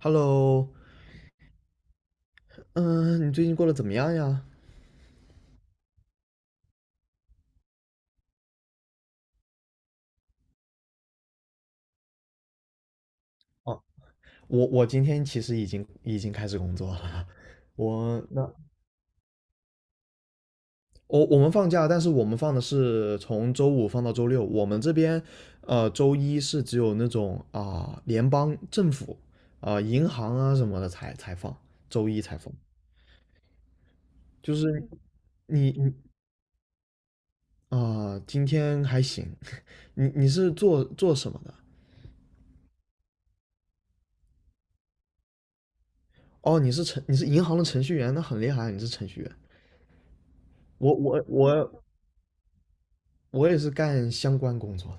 Hello,嗯，你最近过得怎么样呀？哦，我今天其实已经开始工作了。我那我们放假，但是我们放的是从周五放到周六。我们这边，呃，周一是只有那种联邦政府啊、银行啊什么的才放，周一才放。就是你你今天还行。你是做什么的？哦，你是你是银行的程序员，那很厉害，你是程序员。我我也是干相关工作的，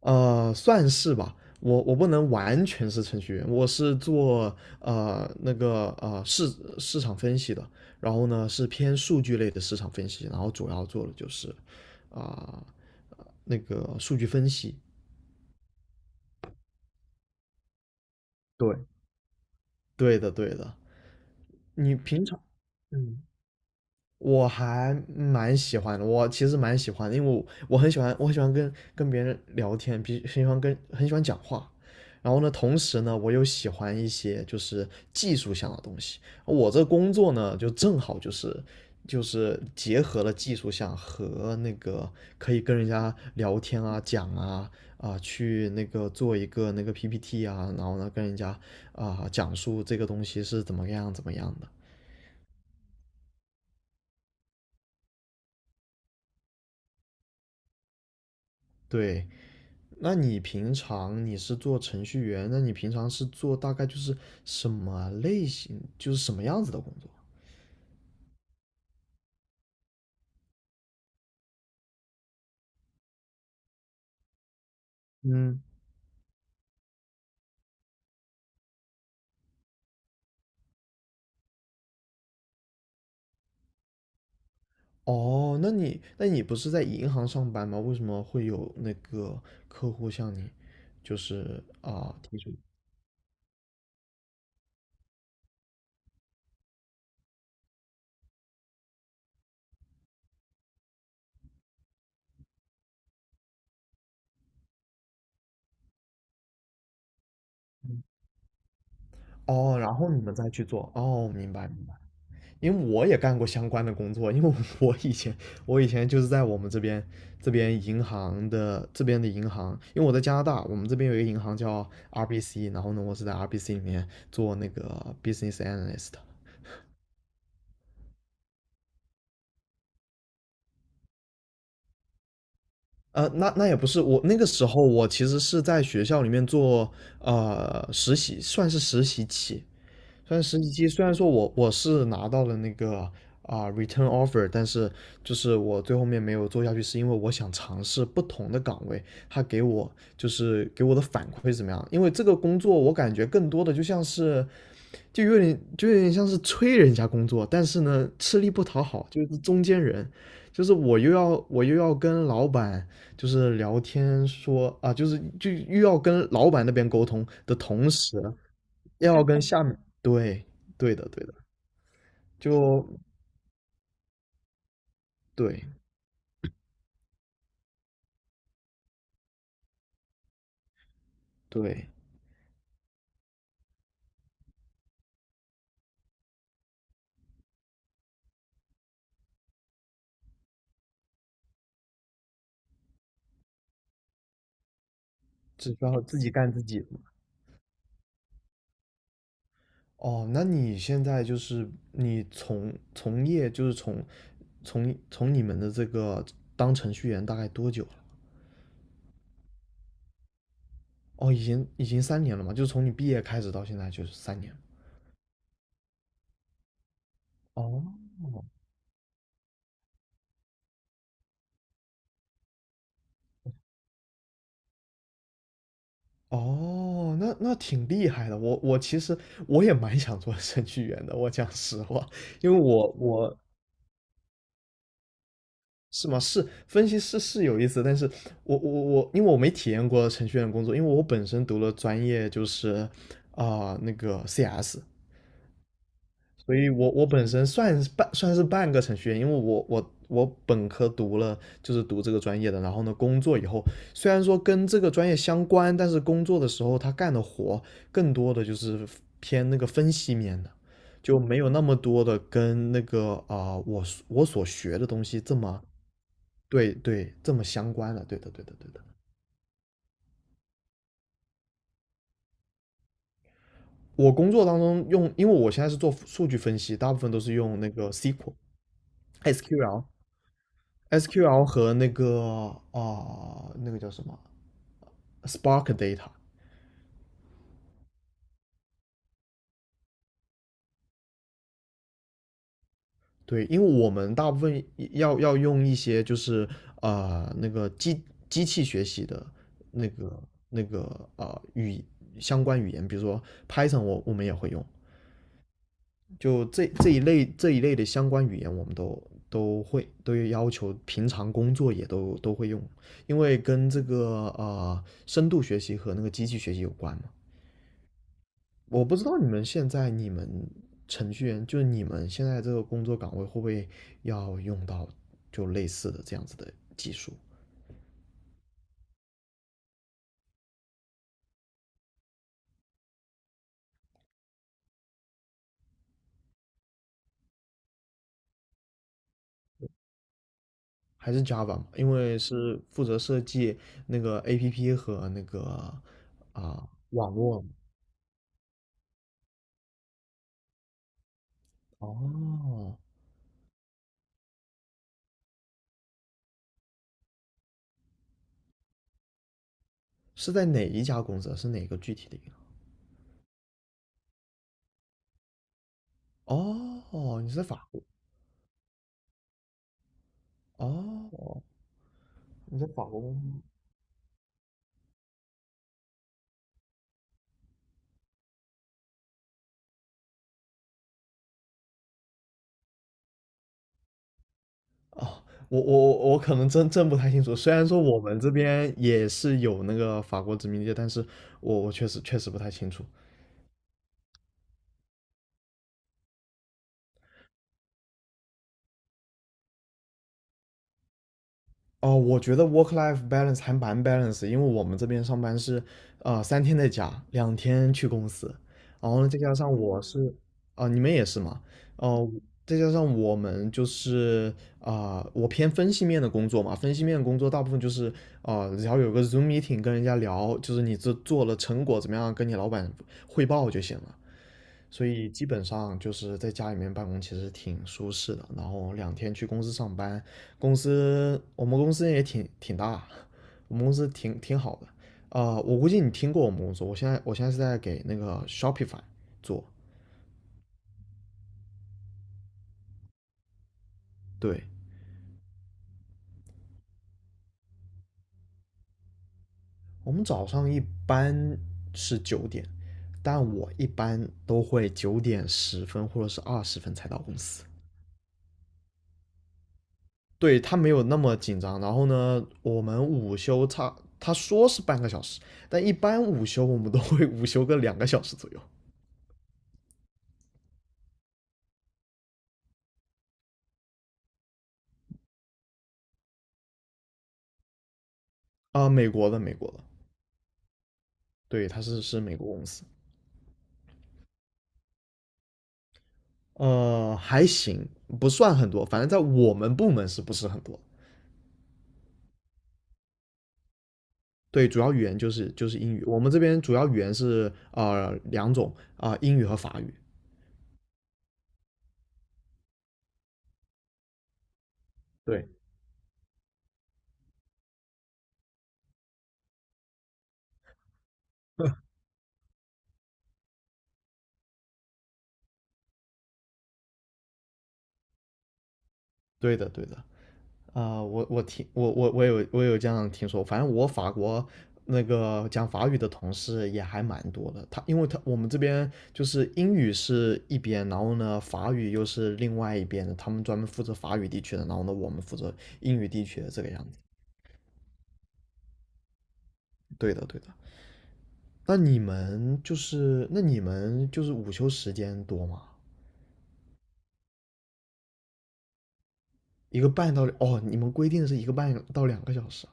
呃，算是吧。我不能完全是程序员，我是做呃那个呃市市场分析的，然后呢是偏数据类的市场分析，然后主要做的就是啊、呃那个数据分析。对，对的对的，你平常嗯我还蛮喜欢的，我其实蛮喜欢的因为我很喜欢，我很喜欢跟别人聊天，很喜欢很喜欢讲话。然后呢，同时呢，我又喜欢一些就是技术项的东西。我这工作呢，正好就是结合了技术项和那个可以跟人家聊天啊、呃去那个做一个那个 PPT 啊，然后呢跟人家呃讲述这个东西是怎么样怎么样的。对，那你平常你是做程序员，那你平常是做大概就是什么类型，就是什么样子的工作？嗯，哦，那你不是在银行上班吗？为什么会有那个客户向你就是提出？哦，然后你们再去做。哦，明白明白。因为我也干过相关的工作，因为我以前我以前就是在我们这边银行的这边的银行，因为我在加拿大，我们这边有一个银行叫 RBC,然后呢，我是在 RBC 里面做那个 business analyst。呃，那那也不是我那个时候，我其实是在学校里面做呃实习，算是实习期。算实习机，虽然说我是拿到了那个啊、return offer,但是就是我最后面没有做下去，是因为我想尝试不同的岗位，他给我就是给我的反馈是怎么样？因为这个工作我感觉更多的就像是就有点像是催人家工作，但是呢吃力不讨好，就是中间人，就是我又要跟老板就是聊天说啊，就又要跟老板那边沟通的同时。要跟下面，对，对的，对的，就对对，只需要自己干自己的嘛。哦，那你现在就是你从从业就是从你们的这个当程序员大概多久了？哦，已经三年了嘛，就是从你毕业开始到现在就是三年。哦哦，那那挺厉害的。我其实我也蛮想做程序员的，我讲实话，因为是吗？是分析师是有意思，但是我，因为我没体验过程序员的工作，因为我本身读了专业就是啊、呃那个 CS,所以我本身算是半个程序员，因为我本科读了就是读这个专业的，然后呢工作以后虽然说跟这个专业相关，但是工作的时候他干的活更多的就是偏那个分析面的。就没有那么多的跟那个啊、我我所学的东西这么对对，这么相关的，对的对的对的。我工作当中用，因为我现在是做数据分析，大部分都是用那个 SQL、SQL、SQL 和那个啊、呃那个叫什么 Spark Data。对，因为我们大部分要用一些就是啊呃那个机器学习的那个那个啊、相关语言，比如说 Python,我们也会用，就这一类的相关语言，我们都要求，平常工作也都会用，因为跟这个呃深度学习和那个机器学习有关嘛。我不知道你们现在程序员，就是你们现在这个工作岗位会不会要用到就类似的这样子的技术，还是 Java 嘛？因为是负责设计那个 APP 和那个啊、网络嘛哦，是在哪一家公司啊是哪个具体的银行？哦，你是在法国？哦，你在法国公司？哦，我我可能真不太清楚。虽然说我们这边也是有那个法国殖民地，但是我确实确实不太清楚。哦，我觉得 work life balance 还蛮 balance,因为我们这边上班是，呃，3天在家，两天去公司，然后呢，再加上我是，啊、你们也是嘛，哦、再加上我们就是，啊、我偏分析面的工作嘛，分析面的工作大部分就是，啊、只要有个 Zoom meeting 跟人家聊，就是你这做了成果怎么样，跟你老板汇报就行了，所以基本上就是在家里面办公，其实挺舒适的。然后2天去公司上班，我们公司也挺大，我们公司挺好的。啊、我估计你听过我们公司，我现在是在给那个 Shopify 做。对，我们早上一般是九点，但我一般都会9点10分或者是20分才到公司。对他没有那么紧张。然后呢，我们午休差他说是半个小时，但一般午休我们都会 午休个2个小时左右啊。呃美国的，美国的，对，他是美国公司，呃，还行，不算很多，反正在我们部门是不是很多？对，主要语言就是英语，我们这边主要语言是呃2种啊、呃英语和法语。对，对的，对的。啊、我我我我有这样听说，反正我法国那个讲法语的同事也还蛮多的。因为我们这边就是英语是一边，然后呢法语又是另外一边的，他们专门负责法语地区的，然后呢我们负责英语地区的这个样子。对的，对的。那你们就是那你们就是午休时间多吗？一个半到哦，你们规定的是一个半到两个小时啊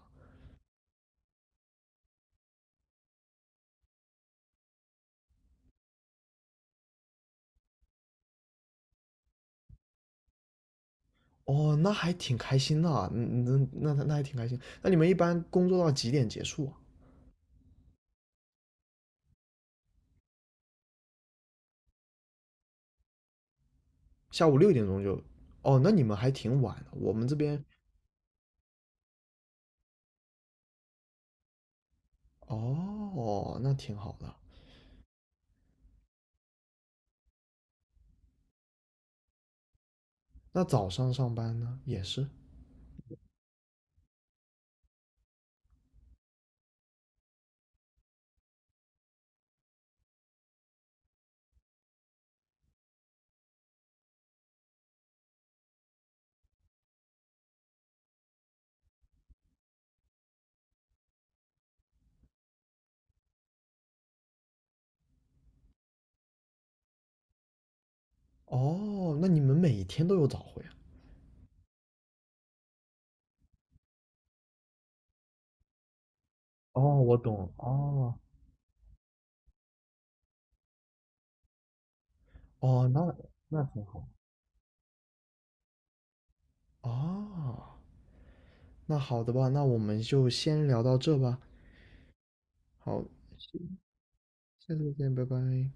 哦，那还挺开心的啊，嗯嗯，那那还挺开心。那你们一般工作到几点结束啊？下午6点钟就，哦，那你们还挺晚的。我们这边，哦，那挺好的。那早上上班呢，也是。哦，那你们每天都有早会啊？哦，我懂。哦哦，那那挺好。哦，那好的吧，那我们就先聊到这吧。好，下下次再见，拜拜。